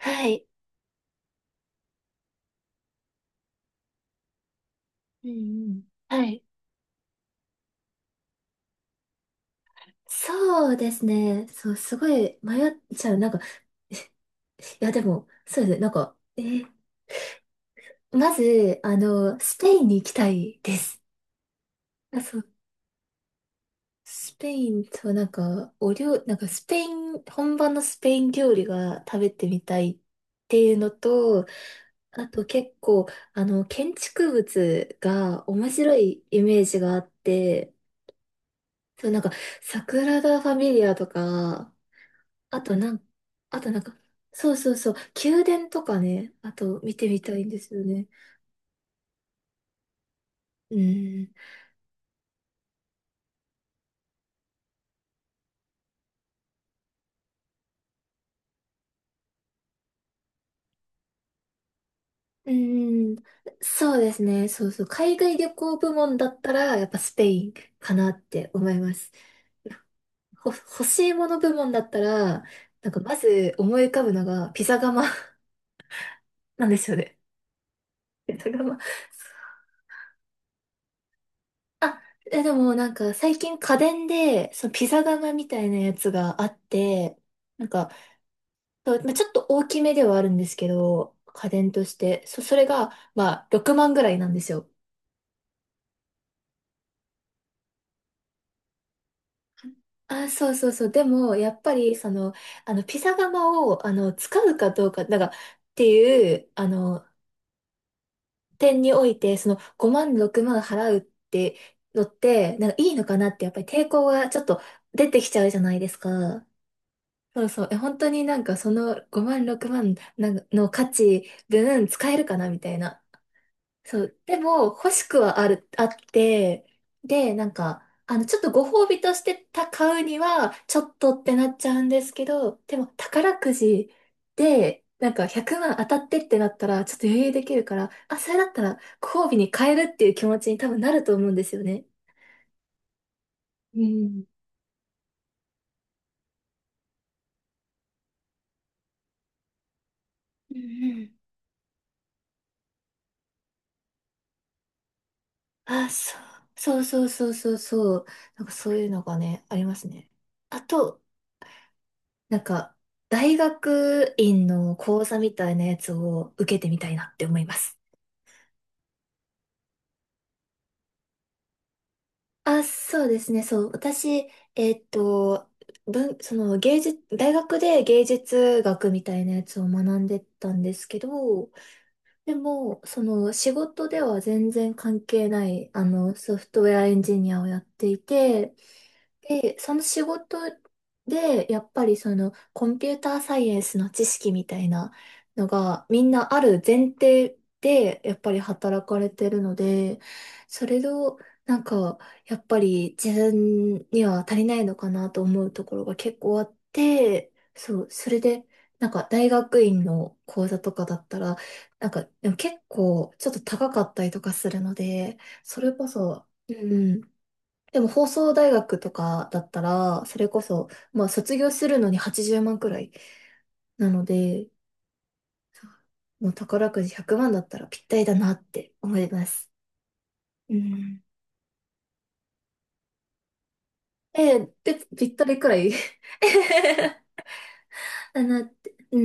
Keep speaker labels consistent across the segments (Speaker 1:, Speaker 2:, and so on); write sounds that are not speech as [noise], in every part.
Speaker 1: はい。うんうん。はい。そうですね。そう、すごい迷っちゃう。なんか、いや、でも、そうですね。まず、あの、スペインに行きたいです。あ、そう。スペインと、なんか、お料、なんか、スペイン、本場のスペイン料理が食べてみたいっていうのと、あと結構、あの、建築物が面白いイメージがあって、そう、なんか、サグラダ・ファミリアとか、あとなん、あとなんか、そうそうそう、宮殿とかね、あと見てみたいんですよね。うん。うん。そうですね。そうそう。海外旅行部門だったら、やっぱスペインかなって思います。ほ、欲しいもの部門だったら、なんかまず思い浮かぶのがピザ窯 [laughs] なんですよね。ピザ窯。あ、え、でもなんか最近家電で、そのピザ窯みたいなやつがあって、なんかそうまあ、ちょっと大きめではあるんですけど、家電として。そ、それが、まあ、6万ぐらいなんですよ。あ、そうそうそう。でも、やっぱり、その、あの、ピザ窯を、あの、使うかどうか、なんか、っていう、あの、点において、その、5万、6万払うってのって、なんか、いいのかなって、やっぱり抵抗がちょっと出てきちゃうじゃないですか。そうそう。え、本当になんか、その5万、6万なんかの価値分使えるかなみたいな。そう。でも、欲しくはある、あって、で、なんか、あの、ちょっとご褒美としてた買うには、ちょっとってなっちゃうんですけど、でも、宝くじで、なんか、100万当たってってなったら、ちょっと余裕できるから、あ、それだったら、ご褒美に変えるっていう気持ちに多分なると思うんですよね。うん。うんうん、あ、そう、そうそうそうそうそう。なんかそういうのがね、ありますね。あと、なんか、大学院の講座みたいなやつを受けてみたいなって思います。あ、そうですね、そう。私、ーっと、文、その芸術、大学で芸術学みたいなやつを学んでたんですけど、でも、その仕事では全然関係ない、あの、ソフトウェアエンジニアをやっていて、で、その仕事で、やっぱりそのコンピューターサイエンスの知識みたいなのがみんなある前提で、やっぱり働かれてるので、それをなんか、やっぱり自分には足りないのかなと思うところが結構あって、そう、それで、なんか大学院の講座とかだったら、なんかでも結構ちょっと高かったりとかするので、それこそ、うん。でも放送大学とかだったら、それこそ、まあ卒業するのに80万くらいなので、もう宝くじ100万だったらぴったりだなって思います。うん。えー、で、ぴったりくらい [laughs] だなって。う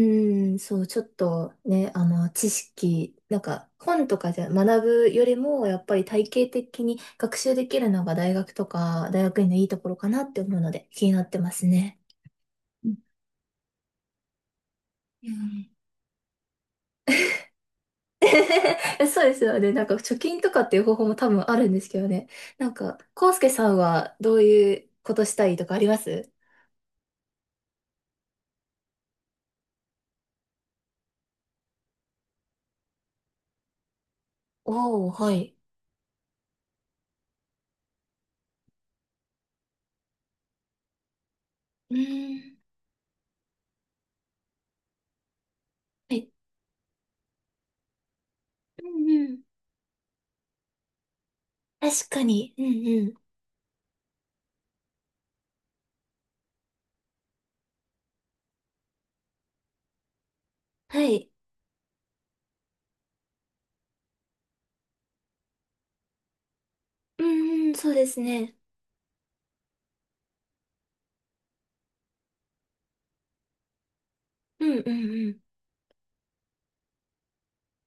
Speaker 1: ん、そう、ちょっとね、あの、知識、なんか、本とかじゃ学ぶよりも、やっぱり体系的に学習できるのが大学とか、大学院のいいところかなって思うので、気になってますね。うんうん [laughs] そうですよね。なんか貯金とかっていう方法も多分あるんですけどね。なんか、康介さんはどういうことしたいとかあります？おー、はい。うーん。はい。うんうん。確かに。うんうん。はい。うんうん、そうですね。うんうんうん。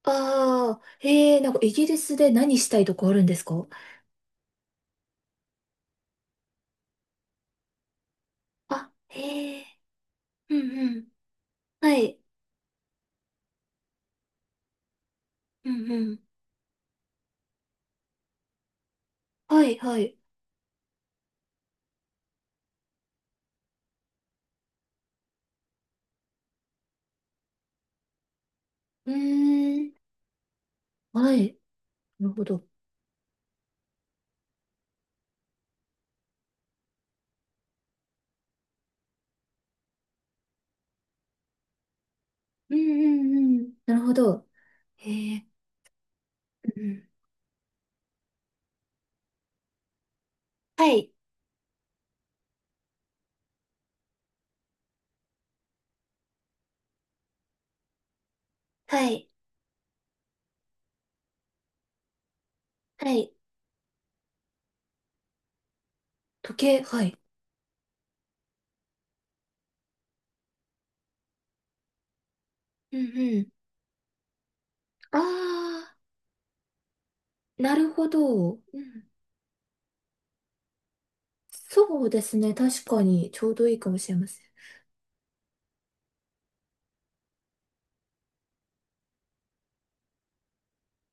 Speaker 1: ああ、へえ、なんかイギリスで何したいとかあるんですか？あ、へえ。うんうん。はい。うんうん。はいはい。うーん。はい。なるほど。うんうんうん。なるほど。へえ、うんうん。はい、はい、はい。時計、はい。うんうん。ああ、なるほど。うん。そうですね。確かに、ちょうどいいかもしれません。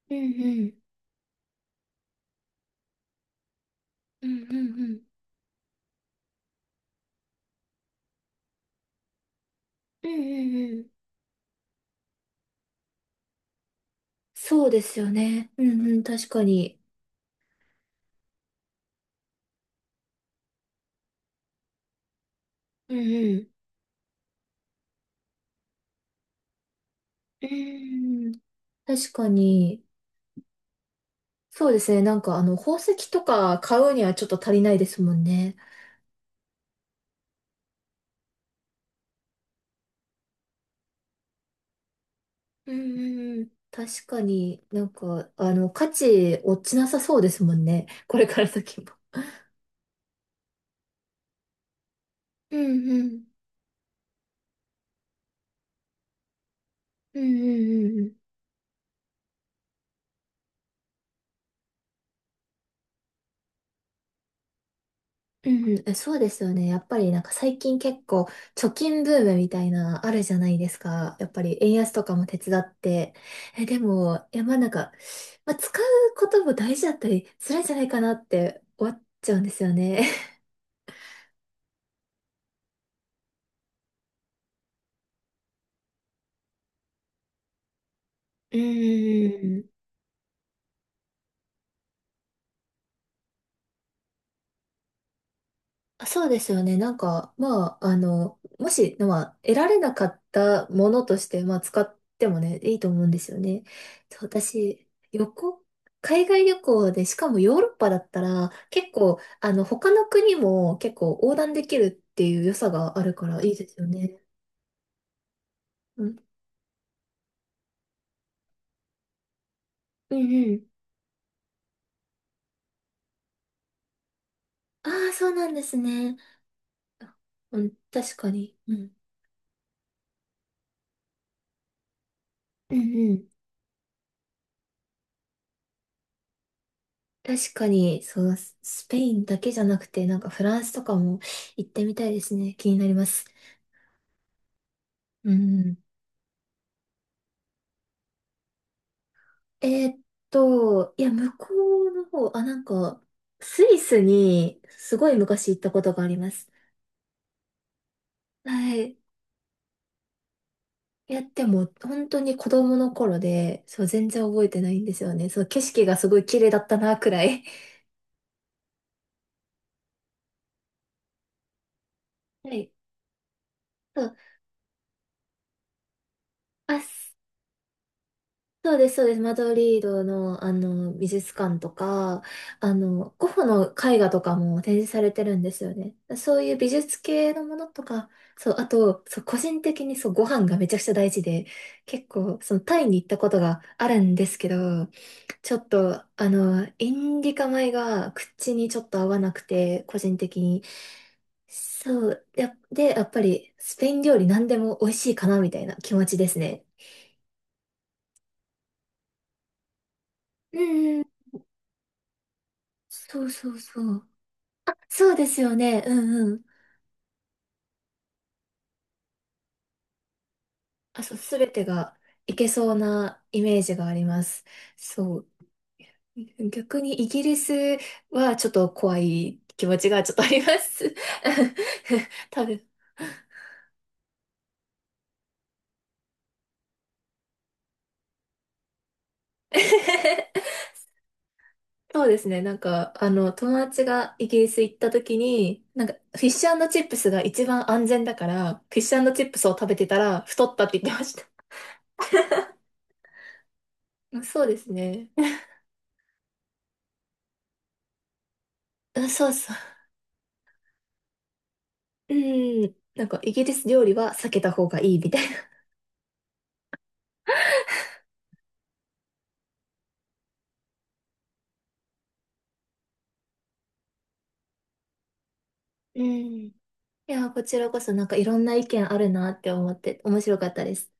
Speaker 1: うんうん。うんうんうん。うんうんうん。そうですよね。うんうん。確かに。うんうん。うん、確かに。そうですね。なんか、あの、宝石とか買うにはちょっと足りないですもんね。うんうんうん。確かになんか、あの、価値落ちなさそうですもんね。[laughs] これから先も。うんうん。うんうんうんうん。うんうん。え、そうですよね。やっぱりなんか最近結構貯金ブームみたいなあるじゃないですか。やっぱり円安とかも手伝って。え、でも、いやまあなんか、まあ、使うことも大事だったりするんじゃないかなって思っちゃうんですよね。[laughs] うんうんうん、そうですよね。なんか、まあ、あの、もし、まあ、得られなかったものとして、まあ、使ってもね、いいと思うんですよね。そう私、旅行、海外旅行で、しかもヨーロッパだったら、結構、あの、他の国も結構横断できるっていう良さがあるからいいですよね。うん。うんうん。ああ、そうなんですね。うん、確かに。うん。うんうん。確かに、そう、ススペインだけじゃなくて、なんかフランスとかも行ってみたいですね。気になります。うん。えーっ、いや、向こうの方、あ、なんか、スイスにすごい昔行ったことがあります。はい。いや、でも、本当に子供の頃で、そう、全然覚えてないんですよね。そう、景色がすごい綺麗だったな、くらい。はい。そう。あ、そうです、そうです。マドリードの、あの、美術館とか、あの、ゴッホの絵画とかも展示されてるんですよね。そういう美術系のものとか、そう、あと、そう、個人的にそう、ご飯がめちゃくちゃ大事で、結構、その、タイに行ったことがあるんですけど、ちょっと、あの、インディカ米が口にちょっと合わなくて、個人的に。そう、や、で、やっぱり、スペイン料理何でも美味しいかな、みたいな気持ちですね。うんうん、そうそうそう。そうですよね。うんうん。あ、そう、すべてがいけそうなイメージがあります。そう。[laughs] 逆にイギリスはちょっと怖い気持ちがちょっとあります。[laughs] 多分。[laughs] そうですね。なんか、あの、友達がイギリス行った時に、なんか、フィッシュチップスが一番安全だから、フィッシュチップスを食べてたら太ったって言ってました。うん、そうですね。うんそうそう。うん。なんかイギリス料理は避けた方がいいみたいな。うん。いや、こちらこそなんかいろんな意見あるなって思って面白かったです。